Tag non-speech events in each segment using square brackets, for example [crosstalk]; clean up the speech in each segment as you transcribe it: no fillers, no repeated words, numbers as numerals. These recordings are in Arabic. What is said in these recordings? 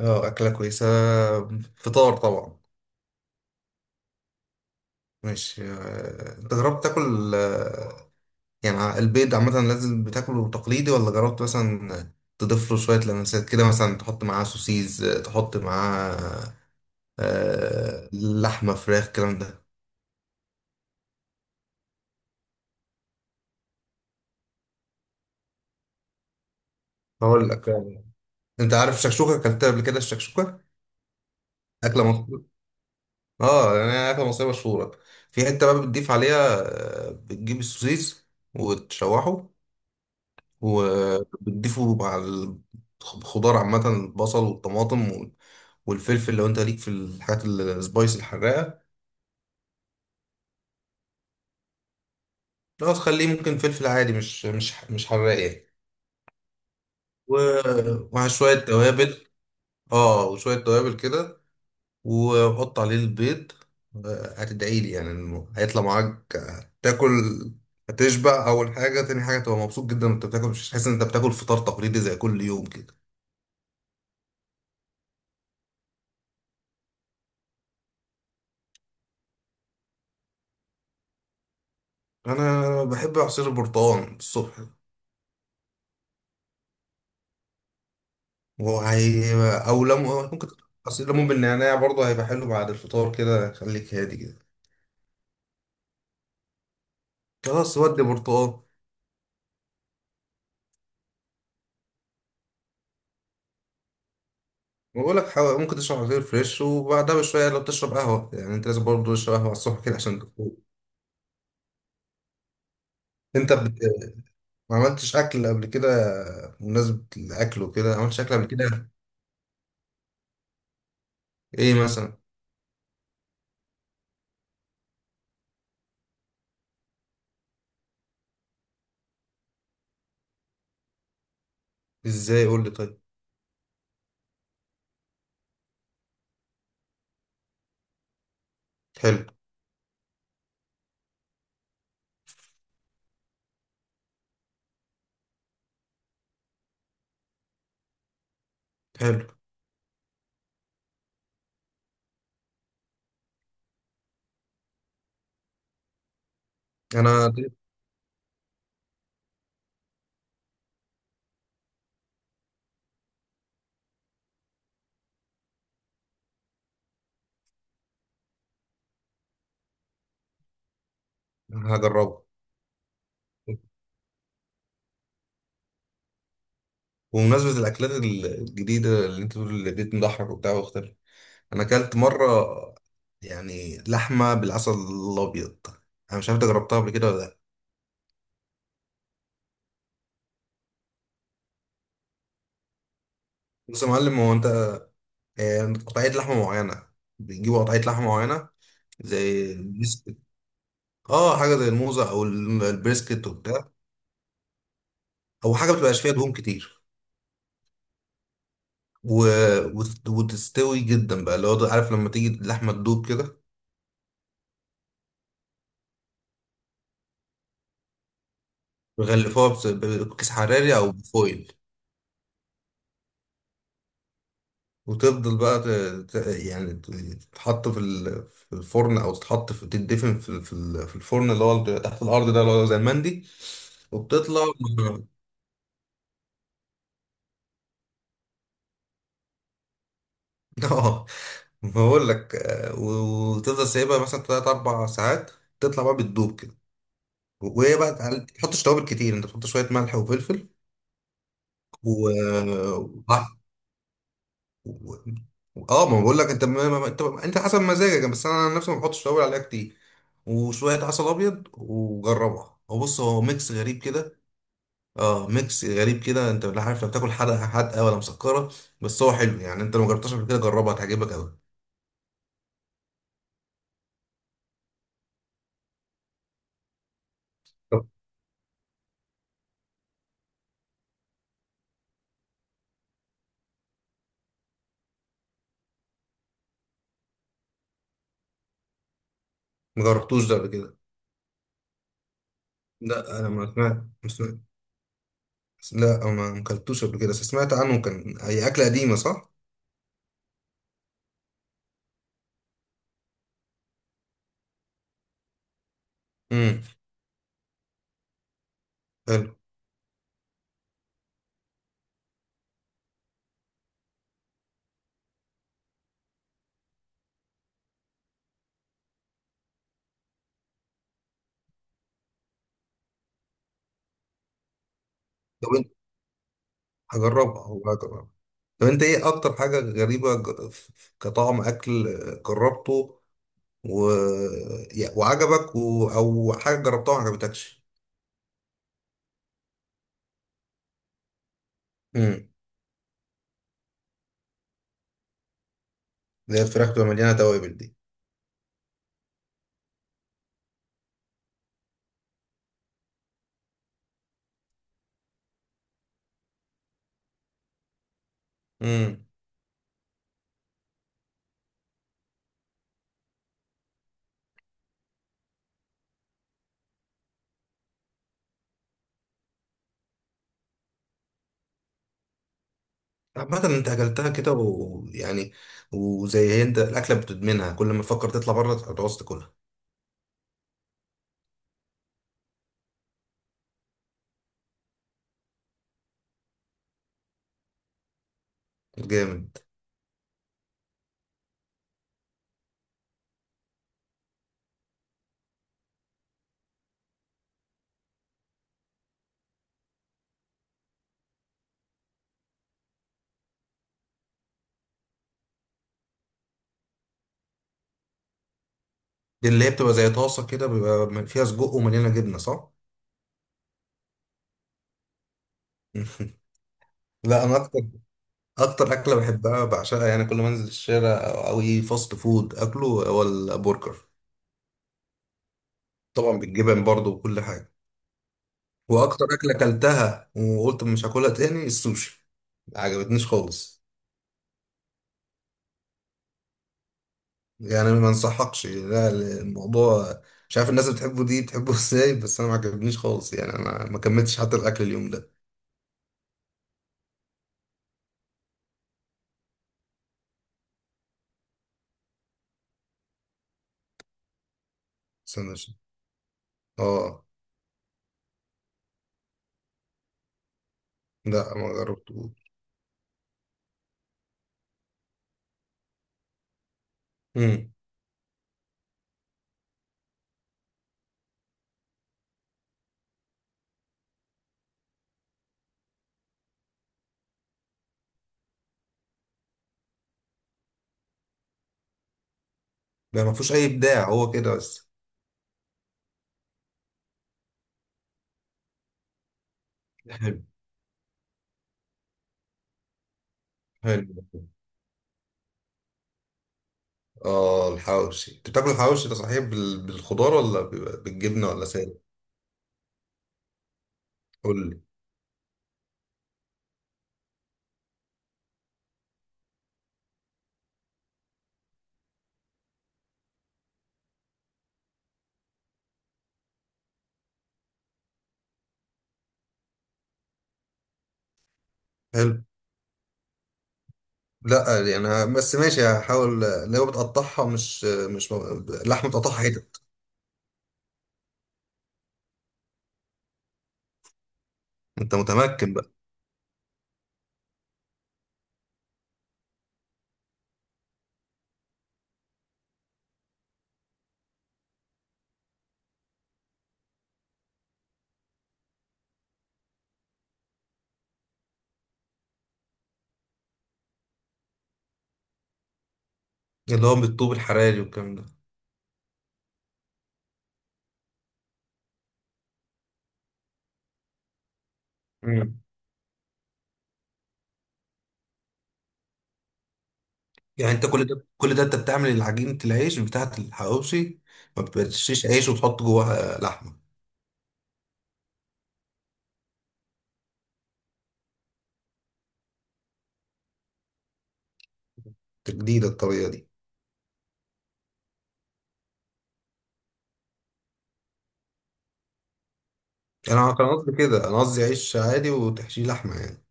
اه، أكلة كويسة. فطار طبعا. ماشي، آه، أنت جربت تاكل، يعني البيض عامة لازم بتاكله تقليدي ولا جربت مثلا. تضيف له شوية لمسات كده، مثلا تحط معاه سوسيز، تحط معاه، لحمة فراخ الكلام ده. هقول لك يعني. أنت عارف الشكشوكة؟ أكلتها قبل كده؟ الشكشوكة أكلة مصرية. اه، يعني هي أكلة مصرية مشهورة. في حتة بقى بتضيف عليها، بتجيب السوسيس وتشوحه، وبتضيفه مع الخضار عامة، البصل والطماطم والفلفل، لو انت ليك في الحاجات السبايس الحراقة. لو تخليه ممكن فلفل عادي مش حراق يعني. ومع شوية توابل. اه، وشوية توابل كده، وحط عليه البيض. هتدعي لي يعني انه هيطلع معاك، تاكل. هتشبع اول حاجة، تاني حاجة تبقى مبسوط جدا وانت بتاكل، مش تحس ان انت بتاكل فطار تقليدي زي كل يوم كده. انا بحب عصير البرتقال الصبح. وهو هي، او ليمون ممكن. عصير ليمون بالنعناع برضه هيبقى حلو بعد الفطار كده، خليك هادي كده. خلاص، ودي برتقال. بقول لك حاول، ممكن تشرب عصير فريش وبعدها بشويه، لو بتشرب قهوه يعني انت لازم برضه تشرب قهوه على الصبح كده عشان تفوق. انت بت... ما عملتش اكل قبل كده؟ بمناسبه الاكل وكده، ما عملتش اكل قبل كده؟ ايه مثلا؟ ازاي؟ قول لي طيب. حلو، حلو. انا هجربه. وبمناسبه الاكلات الجديده اللي انت بتقول اللي بيت مضحك وبتاع واختلف، انا اكلت مره يعني لحمه بالعسل الابيض. انا مش عارف انت جربتها قبل كده ولا لا. بص يا معلم، هو انت قطعيه لحمه معينه، بتجيب قطعيه لحمه معينه زي البريسكت. اه، حاجه زي الموزه او البريسكت وبتاع، او حاجه بتبقاش فيها دهون كتير. و... وتستوي جدا بقى، اللي هو عارف لما تيجي اللحمه تدوب كده. بيغلفوها بكيس حراري او بفويل. وتفضل بقى ت... ت... يعني ت- تتحط في الفرن، او تتحط تدفن في الفرن اللي هو بيبقى تحت الارض ده، اللي هو زي المندي. وبتطلع. [laughs] اه. بقول لك، وتفضل سايبها مثلا تلات اربع ساعات، تطلع بقى بتدوب كده. وهي بقى ما تحطش توابل كتير، انت بتحط شويه ملح وفلفل. و و- اه، ما بقول لك انت ما انت حسب مزاجك، بس انا عن نفسي ما بحطش توابل عليها كتير. وشويه عسل ابيض وجربها، هو بص هو ميكس غريب كده. اه، ميكس غريب كده، انت لا عارف لا بتاكل حادقه حادقه ولا مسكره. بس هو حلو، يعني انت لو ما جربتهاش قبل كده جربها، هتعجبك قوي. طب، ما جربتوش ده قبل كده؟ لا، انا ما سمعت. ما سمعت. لا، أنا ما اكلتوش قبل كده، بس سمعت عنه. كان هي اكله قديمه صح؟ امم. حلو. طب انت، هجربها هو. طب انت ايه اكتر حاجة غريبة كطعم اكل جربته و... وعجبك، او حاجة جربتها وما عجبتكش؟ امم. اللي هي الفراخ بتبقى مليانة توابل دي. امم. عامة انت اكلتها كده، ويعني وزي هي، انت الاكلة بتدمنها كل ما تفكر تطلع بره هتعوز تاكلها. جامد. دي اللي هي بتبقى زي طاسة كده، بيبقى فيها سجق ومليانة جبنة، صح؟ [laughs] لا، انا اكتر اكتر اكله بحبها بعشقها، يعني كل ما انزل الشارع أو اي فاست فود، اكله هو البرجر. طبعا بالجبن برضو وكل حاجة. واكتر اكلة اكلتها وقلت مش هاكلها تاني السوشي، ما عجبتنيش خالص. يعني ما انصحكش، لا. الموضوع مش عارف، الناس بتحبه، دي بتحبه [laughs] ازاي؟ بس انا ما عجبنيش خالص، يعني انا ما كملتش حتى الاكل اليوم ده. سندوتش؟ اه. لا، ما جربتوش. امم. ده ما فيهوش اي ابداع، هو كده بس. حلو، حلو. اه، الحواوشي، انت بتاكل الحواوشي ده صحيح بالخضار، ولا بيبقى بالجبنه، ولا سادة؟ قول لي. حلو. لا يعني بس ماشي هحاول، اللي هو بتقطعها مش مش م- لحم بتقطعها حتت. انت متمكن بقى. اللي هو بالطوب الحراري والكلام ده. مم. يعني انت كل ده كل ده انت بتعمل عجينة العيش بتاعة الحواوشي؟ ما بتشيش عيش وتحط جواها لحمة؟ جديدة الطريقة دي. انا كان قصدي كده، انا قصدي عيش عادي وتحشيه لحمة يعني.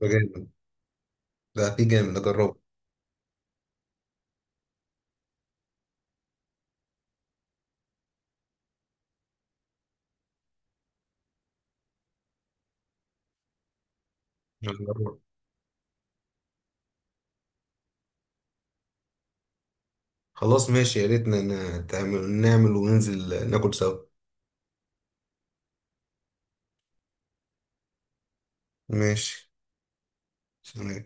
ده جامد. ده في جامد، اجربه. اجربه. خلاص ماشي، يا ريتنا نعمل وننزل ناكل سوا. ماشي. سلام.